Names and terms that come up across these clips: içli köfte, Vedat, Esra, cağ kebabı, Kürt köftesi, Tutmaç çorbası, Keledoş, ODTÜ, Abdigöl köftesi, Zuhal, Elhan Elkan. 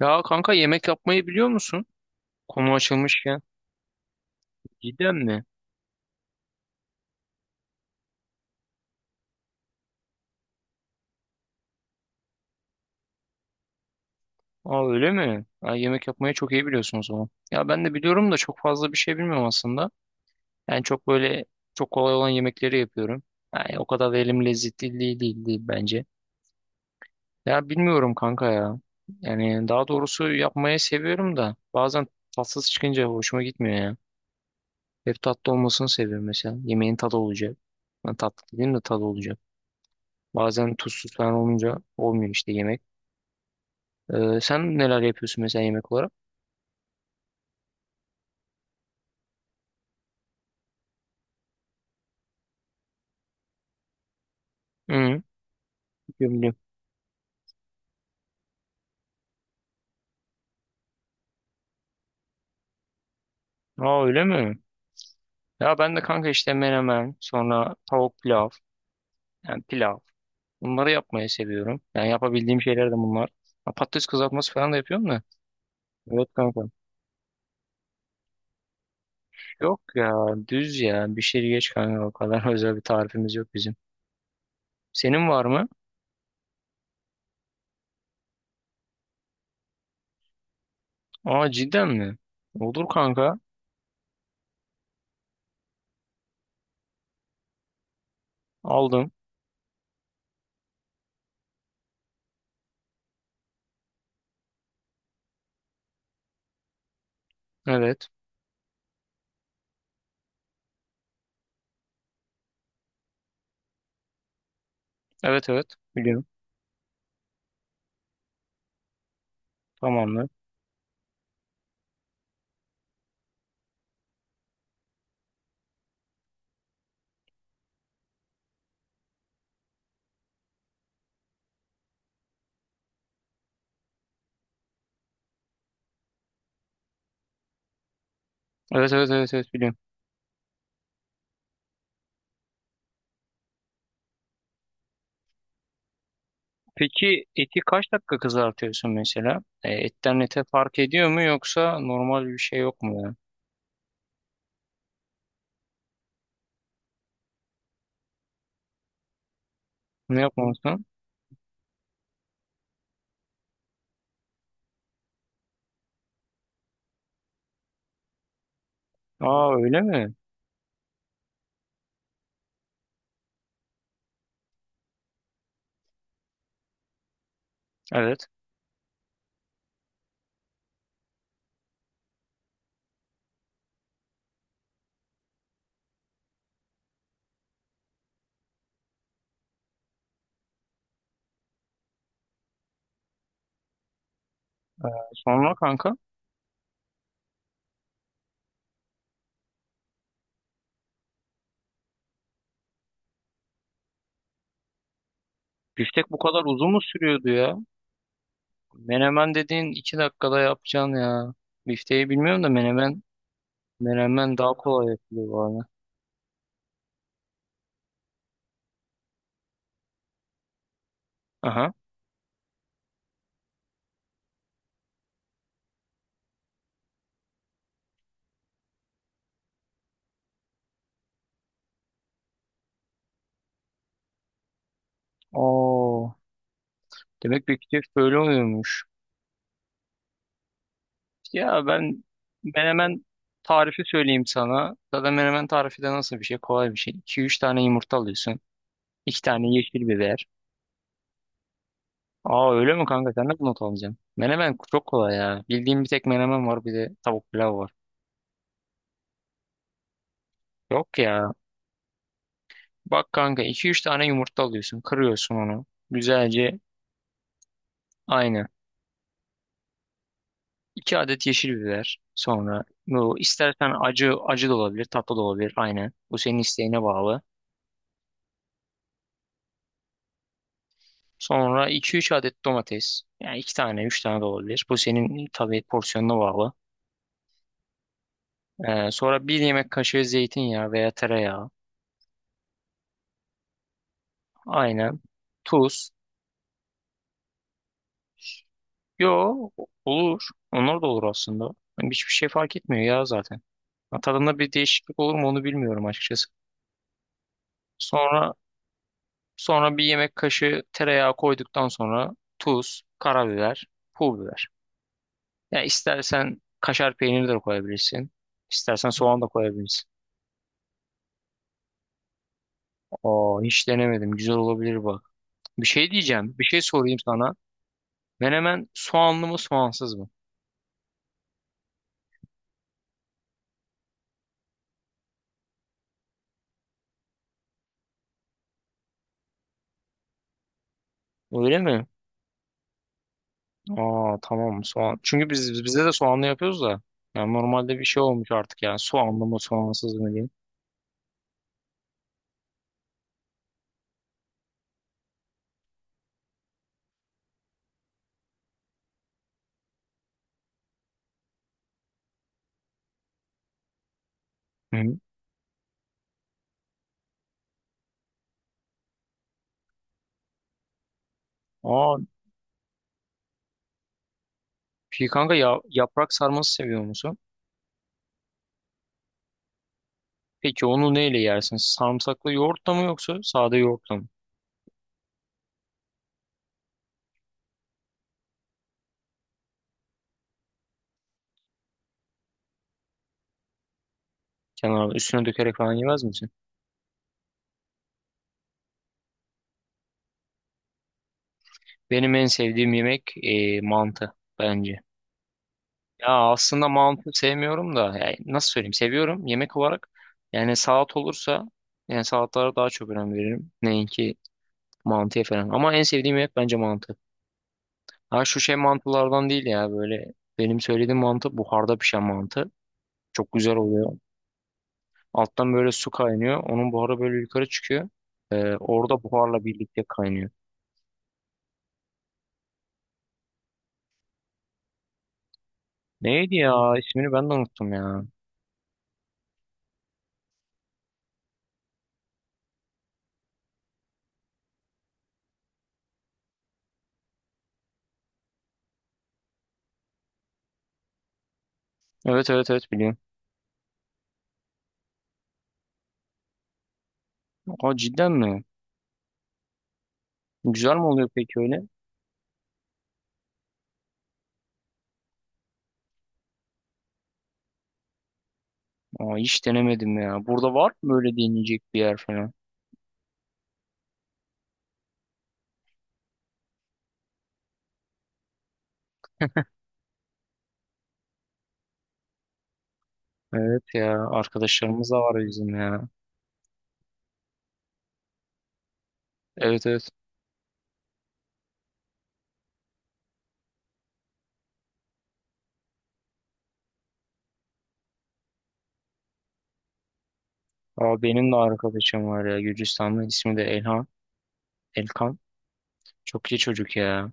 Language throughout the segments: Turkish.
Ya kanka yemek yapmayı biliyor musun? Konu açılmışken. Cidden mi? Aa öyle mi? Aa, yemek yapmayı çok iyi biliyorsun o zaman. Ya ben de biliyorum da çok fazla bir şey bilmiyorum aslında. Yani çok böyle çok kolay olan yemekleri yapıyorum. Yani o kadar da elim lezzetli değil, değil, değil bence. Ya bilmiyorum kanka ya. Yani daha doğrusu yapmayı seviyorum da bazen tatsız çıkınca hoşuma gitmiyor ya. Hep tatlı olmasını seviyorum mesela. Yemeğin tadı olacak. Yani tatlı dediğim de tadı olacak. Bazen tuzsuz falan olunca olmuyor işte yemek. Sen neler yapıyorsun mesela yemek olarak? Hı, biliyorum biliyorum. Aa öyle mi? Ya ben de kanka işte menemen, sonra tavuk pilav, yani pilav. Bunları yapmayı seviyorum. Yani yapabildiğim şeyler de bunlar. Ha, patates kızartması falan da yapıyorum da. Evet kanka. Yok ya, düz ya. Bir şey geç kanka, o kadar özel bir tarifimiz yok bizim. Senin var mı? Aa cidden mi? Olur kanka. Aldım. Evet. Evet, evet. Biliyorum. Tamamdır. Evet, evet, evet, evet, biliyorum. Peki eti kaç dakika kızartıyorsun mesela? Etten ete fark ediyor mu, yoksa normal bir şey yok mu ya? Ne yapmalısın? Aa öyle mi? Evet. Sonra kanka biftek bu kadar uzun mu sürüyordu ya? Menemen dediğin 2 dakikada yapacaksın ya. Bifteyi bilmiyorum da menemen daha kolay yapılıyor bu arada. Aha. Oo. Demek biftek böyle oluyormuş. Ya ben menemen tarifi söyleyeyim sana. Zaten menemen tarifi de nasıl bir şey? Kolay bir şey. 2 üç tane yumurta alıyorsun. İki tane yeşil biber. Aa öyle mi kanka, sen nasıl not alacaksın? Menemen çok kolay ya. Bildiğim bir tek menemen var, bir de tavuk pilav var. Yok ya. Bak kanka, iki üç tane yumurta alıyorsun. Kırıyorsun onu. Güzelce aynı. 2 adet yeşil biber. Sonra bu istersen acı acı da olabilir, tatlı da olabilir. Aynı. Bu senin isteğine bağlı. Sonra iki üç adet domates. Yani 2 tane 3 tane de olabilir. Bu senin tabii porsiyonuna bağlı. Sonra bir yemek kaşığı zeytinyağı veya tereyağı. Aynen. Tuz. Yo, olur. Onlar da olur aslında. Yani hiçbir şey fark etmiyor ya zaten. Ha, tadında bir değişiklik olur mu onu bilmiyorum açıkçası. Sonra sonra bir yemek kaşığı tereyağı koyduktan sonra tuz, karabiber, pul biber. Ya istersen kaşar peyniri de koyabilirsin. İstersen soğan da koyabilirsin. Aa hiç denemedim. Güzel olabilir bak. Bir şey diyeceğim. Bir şey sorayım sana. Menemen soğanlı mı, soğansız mı? Öyle mi? Aa tamam, soğan. Çünkü biz, bize de soğanlı yapıyoruz da. Yani normalde bir şey olmuş artık yani, soğanlı mı soğansız mı diye. Hı. Aa peki kanka ya, yaprak sarması seviyor musun? Peki onu neyle yersin? Sarımsaklı yoğurtla mı yoksa sade yoğurtla mı? Kenarına üstüne dökerek falan yemez misin? Benim en sevdiğim yemek mantı bence. Ya aslında mantı sevmiyorum da, yani nasıl söyleyeyim, seviyorum yemek olarak. Yani salat olursa, yani salatlara daha çok önem veririm. Neyinki mantıya falan. Ama en sevdiğim yemek bence mantı. Ha, şu şey mantılardan değil ya, böyle benim söylediğim mantı buharda pişen mantı. Çok güzel oluyor. Alttan böyle su kaynıyor. Onun buharı böyle yukarı çıkıyor. Orada buharla birlikte kaynıyor. Neydi ya? İsmini ben de unuttum ya. Evet, evet, evet, biliyorum. Aa cidden mi? Güzel mi oluyor peki öyle? Aa hiç denemedim ya. Burada var mı böyle deneyecek bir yer falan? Evet ya, arkadaşlarımız da var bizim ya. Evet, evet. Aa, benim de arkadaşım var ya, Gürcistanlı, ismi de Elhan, Elkan, çok iyi çocuk ya.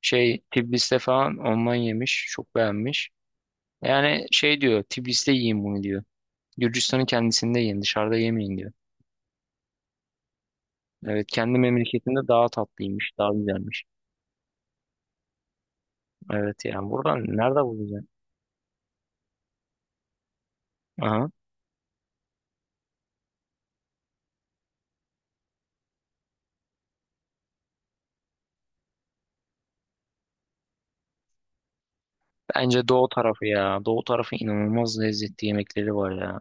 Şey, Tiflis'te falan ondan yemiş. Çok beğenmiş. Yani şey diyor, Tiflis'te yiyin bunu diyor. Gürcistan'ın kendisinde yiyin, dışarıda yemeyin diyor. Evet, kendi memleketinde daha tatlıymış, daha güzelmiş. Evet yani, buradan nerede bulacaksın? Aha. Bence doğu tarafı ya. Doğu tarafı inanılmaz lezzetli yemekleri var ya.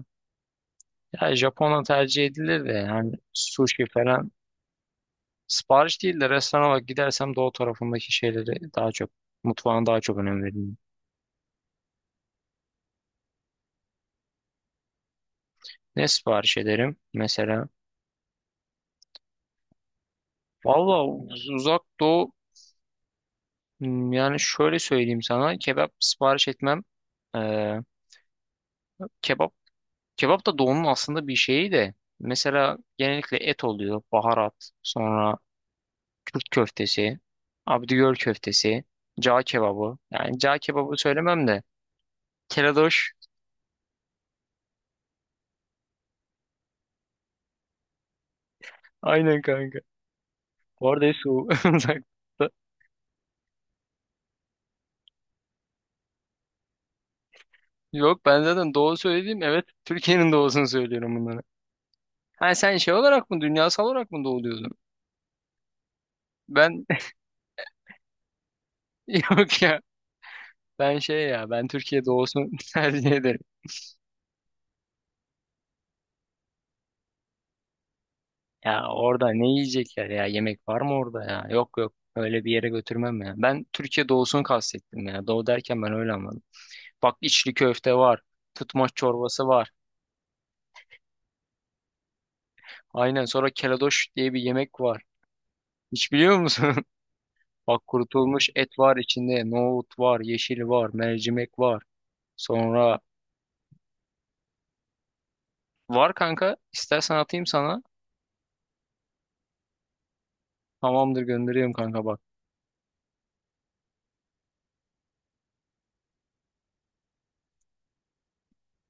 Ya Japonya tercih edilir de, yani sushi falan, sipariş değil de restoran olarak gidersem doğu tarafındaki şeyleri daha çok, mutfağına daha çok önem veririm. Ne sipariş ederim mesela? Valla uzak doğu, yani şöyle söyleyeyim sana, kebap sipariş etmem. Ee, kebap kebap da doğunun aslında bir şeyi de. Mesela genellikle et oluyor, baharat, sonra Kürt köftesi, Abdigöl köftesi, cağ kebabı. Yani cağ kebabı söylemem de. Keledoş. Aynen kanka. Bu arada hepsi uzak doğu. Yok, ben zaten doğu söyledim. Evet, Türkiye'nin doğusunu söylüyorum bunları. Ha sen şey olarak mı, dünyasal olarak mı doğuluyordun? Ben yok ya. Ben şey ya, ben Türkiye doğusunu tercih ederim. Ya orada ne yiyecekler ya, yemek var mı orada ya? Yok yok, öyle bir yere götürmem ya. Ben Türkiye doğusunu kastettim ya. Doğu derken ben öyle anladım. Bak içli köfte var. Tutmaç çorbası var. Aynen, sonra keledoş diye bir yemek var. Hiç biliyor musun? Bak kurutulmuş et var içinde. Nohut var, yeşil var, mercimek var. Sonra var kanka, istersen atayım sana. Tamamdır, gönderiyorum kanka, bak.